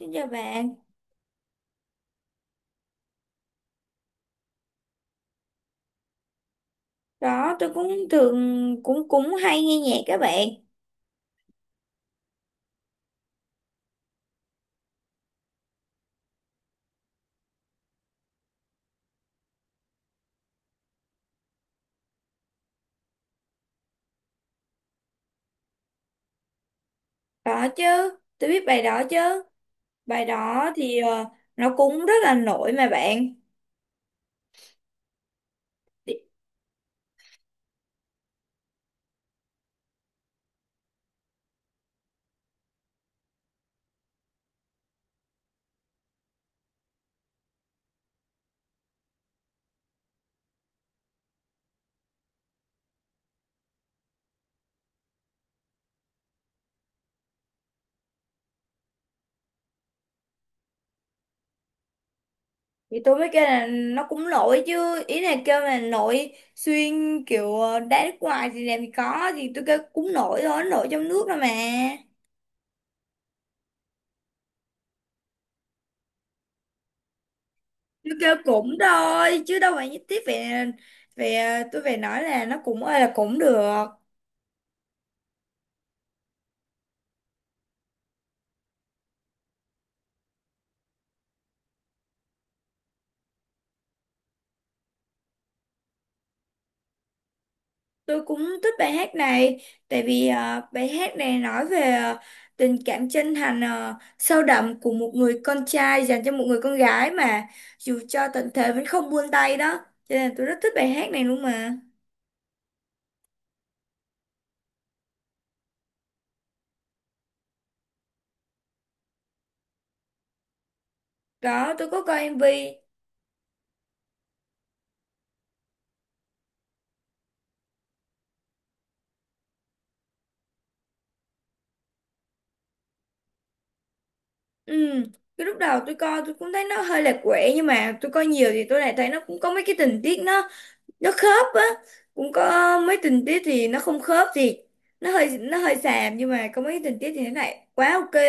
Xin chào bạn. Đó, tôi cũng thường cũng cũng hay nghe nhạc các bạn. Đó chứ, tôi biết bài đó chứ. Bài đó thì nó cũng rất là nổi mà bạn. Thì, thì tôi mới kêu là nó cũng nổi chứ. Ý là kêu là nổi xuyên kiểu đá nước ngoài thì làm gì có. Thì tôi kêu cũng nổi thôi, nó nổi trong nước thôi mà. Tôi kêu cũng thôi, chứ đâu phải nhất thiết về về tôi phải nói là nó cũng ơi là cũng được. Tôi cũng thích bài hát này, tại vì bài hát này nói về tình cảm chân thành, sâu đậm của một người con trai dành cho một người con gái mà dù cho tận thế vẫn không buông tay đó, cho nên tôi rất thích bài hát này luôn mà. Đó, tôi có coi MV. Ừ, cái lúc đầu tôi coi tôi cũng thấy nó hơi lạc quẻ, nhưng mà tôi coi nhiều thì tôi lại thấy nó cũng có mấy cái tình tiết, nó khớp á. Cũng có mấy tình tiết thì nó không khớp, thì nó hơi xàm, nhưng mà có mấy tình tiết thì nó lại quá ok.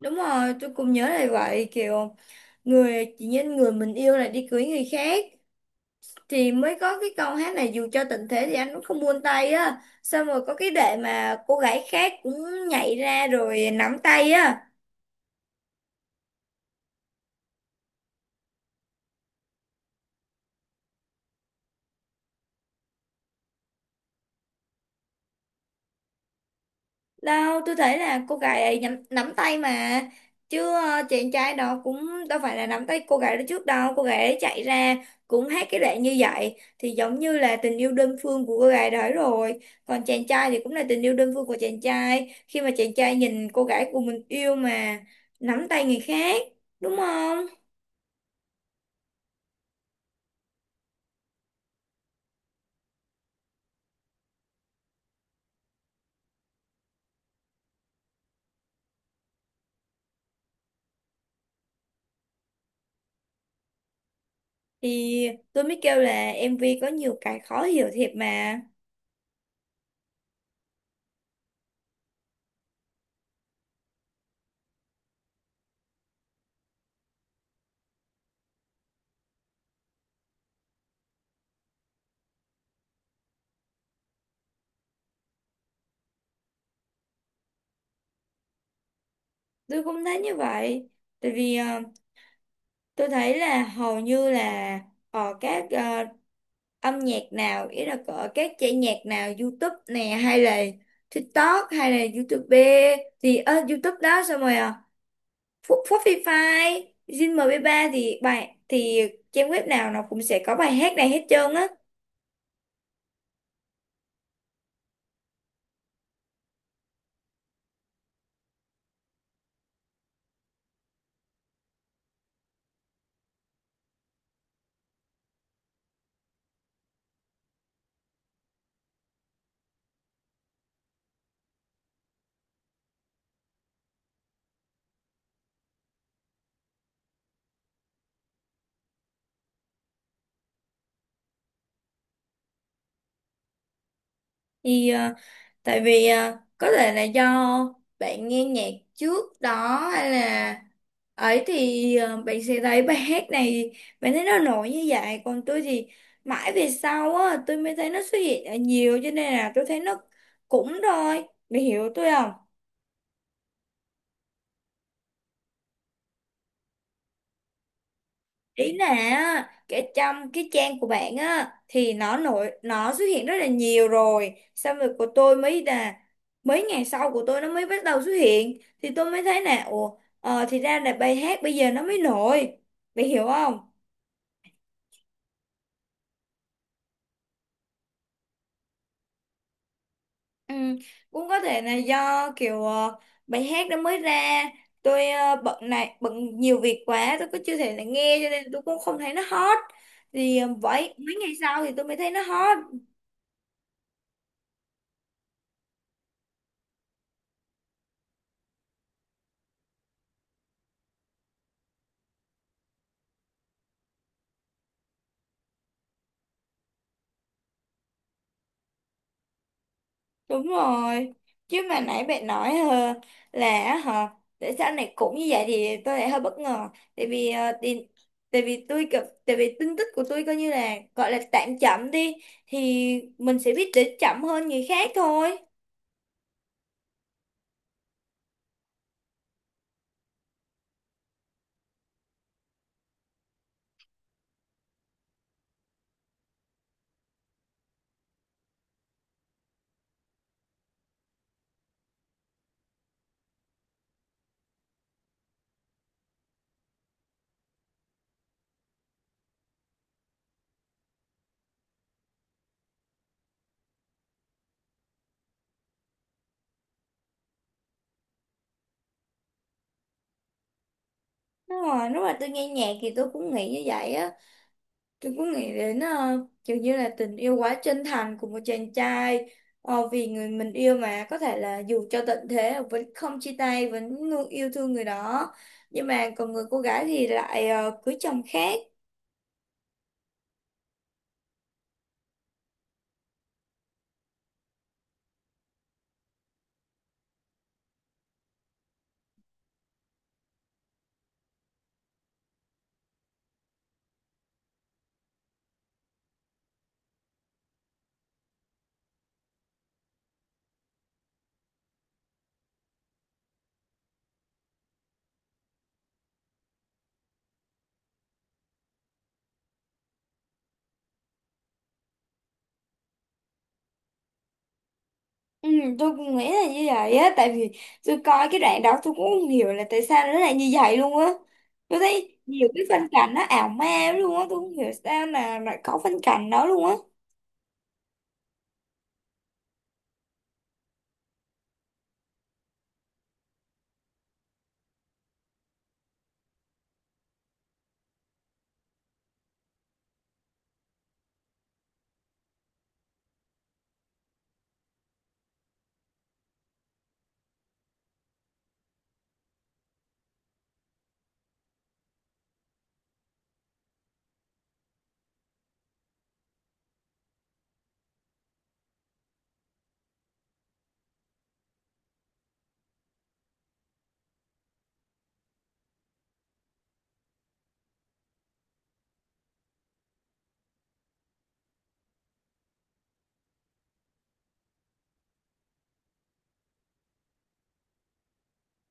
Đúng rồi, tôi cũng nhớ là vậy, kiểu người chỉ nhân người mình yêu lại đi cưới người khác, thì mới có cái câu hát này dù cho tình thế thì anh cũng không buông tay á, xong rồi có cái đệ mà cô gái khác cũng nhảy ra rồi nắm tay á. Đâu, tôi thấy là cô gái ấy nắm tay mà. Chứ chàng trai đó cũng đâu phải là nắm tay cô gái đó trước đâu. Cô gái ấy chạy ra cũng hát cái đoạn như vậy, thì giống như là tình yêu đơn phương của cô gái đó rồi. Còn chàng trai thì cũng là tình yêu đơn phương của chàng trai, khi mà chàng trai nhìn cô gái của mình yêu mà nắm tay người khác, đúng không? Thì tôi mới kêu là MV có nhiều cái khó hiểu thiệt mà. Tôi cũng thấy như vậy. Tại vì tôi thấy là hầu như là ở các âm nhạc nào, ý là ở các chạy nhạc nào YouTube nè hay là TikTok hay là YouTube, thì YouTube đó, xong rồi Spotify, Zing MP3, thì bài thì trang web nào nó cũng sẽ có bài hát này hết trơn á. Thì tại vì có thể là do bạn nghe nhạc trước đó hay là ấy thì bạn sẽ thấy bài hát này, bạn thấy nó nổi như vậy, còn tôi thì mãi về sau á tôi mới thấy nó xuất hiện ở nhiều, cho nên là tôi thấy nó cũng thôi, bạn hiểu tôi không? Ý là á, cái trong cái trang của bạn á thì nó nổi, nó xuất hiện rất là nhiều rồi, xong rồi của tôi mới là mấy ngày sau của tôi nó mới bắt đầu xuất hiện, thì tôi mới thấy là ủa, thì ra là bài hát bây giờ nó mới nổi, bạn hiểu không? Ừ, cũng có thể là do kiểu bài hát đó mới ra, tôi bận này bận nhiều việc quá tôi cứ chưa thể là nghe, cho nên tôi cũng không thấy nó hot. Thì vậy mấy ngày sau thì tôi mới thấy nó hot. Đúng rồi. Chứ mà nãy bạn nói là hả, tại sao này cũng như vậy, thì tôi lại hơi bất ngờ, tại vì thì, tại vì tin tức của tôi coi như là gọi là tạm chậm đi, thì mình sẽ biết đến chậm hơn người khác thôi. Đúng rồi, lúc mà tôi nghe nhạc thì tôi cũng nghĩ như vậy á. Tôi cũng nghĩ đến kiểu như là tình yêu quá chân thành của một chàng trai, vì người mình yêu mà có thể là dù cho tận thế vẫn không chia tay, vẫn luôn yêu thương người đó. Nhưng mà còn người cô gái thì lại cưới chồng khác. Ừ, tôi cũng nghĩ là như vậy á. Tại vì tôi coi cái đoạn đó, tôi cũng không hiểu là tại sao nó lại như vậy luôn á. Tôi thấy nhiều cái phân cảnh nó ảo ma lắm luôn á. Tôi không hiểu sao mà lại có phân cảnh đó luôn á.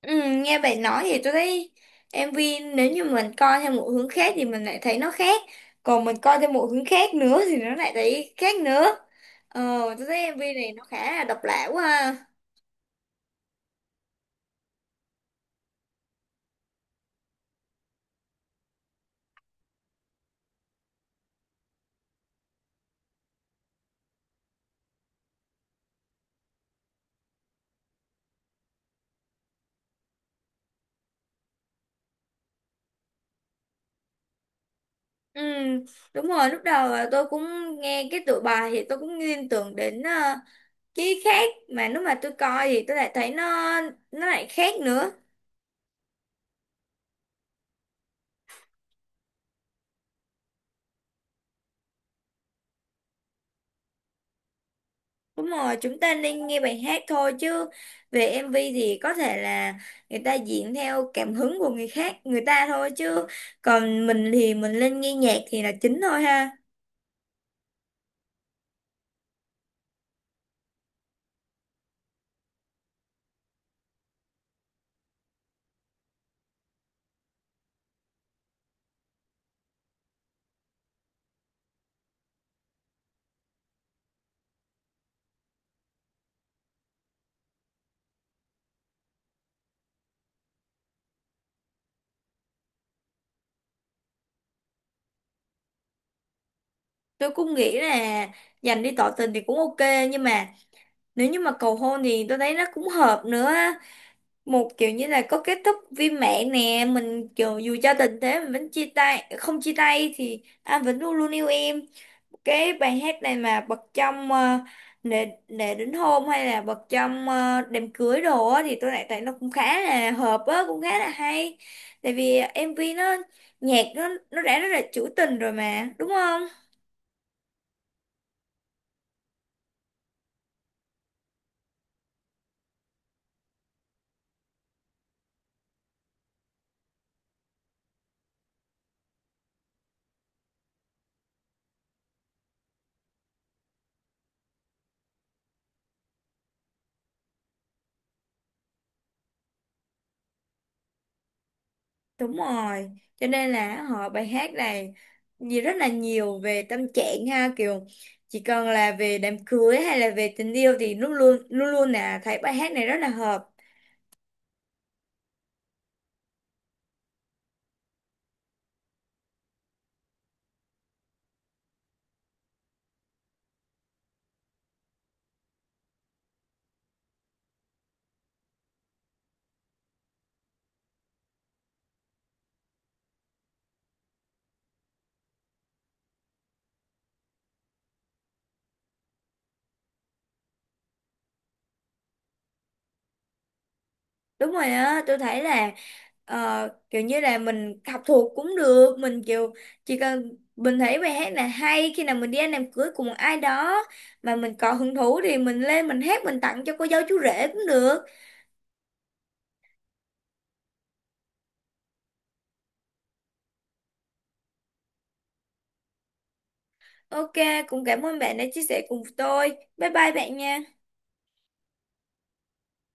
Ừ, nghe bạn nói thì tôi thấy em MV, nếu như mình coi theo một hướng khác thì mình lại thấy nó khác, còn mình coi theo một hướng khác nữa thì nó lại thấy khác nữa. Ờ tôi thấy em MV này nó khá là độc lạ quá ha. Ừ, đúng rồi, lúc đầu là tôi cũng nghe cái tựa bài thì tôi cũng liên tưởng đến cái khác, mà lúc mà tôi coi thì tôi lại thấy nó lại khác nữa. Đúng rồi, chúng ta nên nghe bài hát thôi, chứ về MV thì có thể là người ta diễn theo cảm hứng của người khác, người ta thôi, chứ còn mình thì mình lên nghe nhạc thì là chính thôi ha. Tôi cũng nghĩ là dành đi tỏ tình thì cũng ok, nhưng mà nếu như mà cầu hôn thì tôi thấy nó cũng hợp nữa á. Một kiểu như là có kết thúc viên mãn nè, mình kiểu dù cho tình thế mình vẫn chia tay, không chia tay thì anh vẫn luôn luôn yêu em. Cái bài hát này mà bật trong để đến hôm hay là bật trong đám cưới đồ á, thì tôi lại thấy nó cũng khá là hợp á, cũng khá là hay. Tại vì MV nó, nhạc nó đã rất là trữ tình rồi mà đúng không? Đúng rồi, cho nên là họ bài hát này gì rất là nhiều về tâm trạng ha, kiểu chỉ cần là về đám cưới hay là về tình yêu thì luôn luôn luôn luôn là thấy bài hát này rất là hợp. Đúng rồi á, tôi thấy là kiểu như là mình học thuộc cũng được, mình kiểu chỉ cần mình thấy bài hát là hay, khi nào mình đi ăn đám cưới của một ai đó mà mình có hứng thú thì mình lên mình hát mình tặng cho cô dâu chú rể cũng được. Ok, cũng cảm ơn bạn đã chia sẻ cùng tôi. Bye bye bạn nha.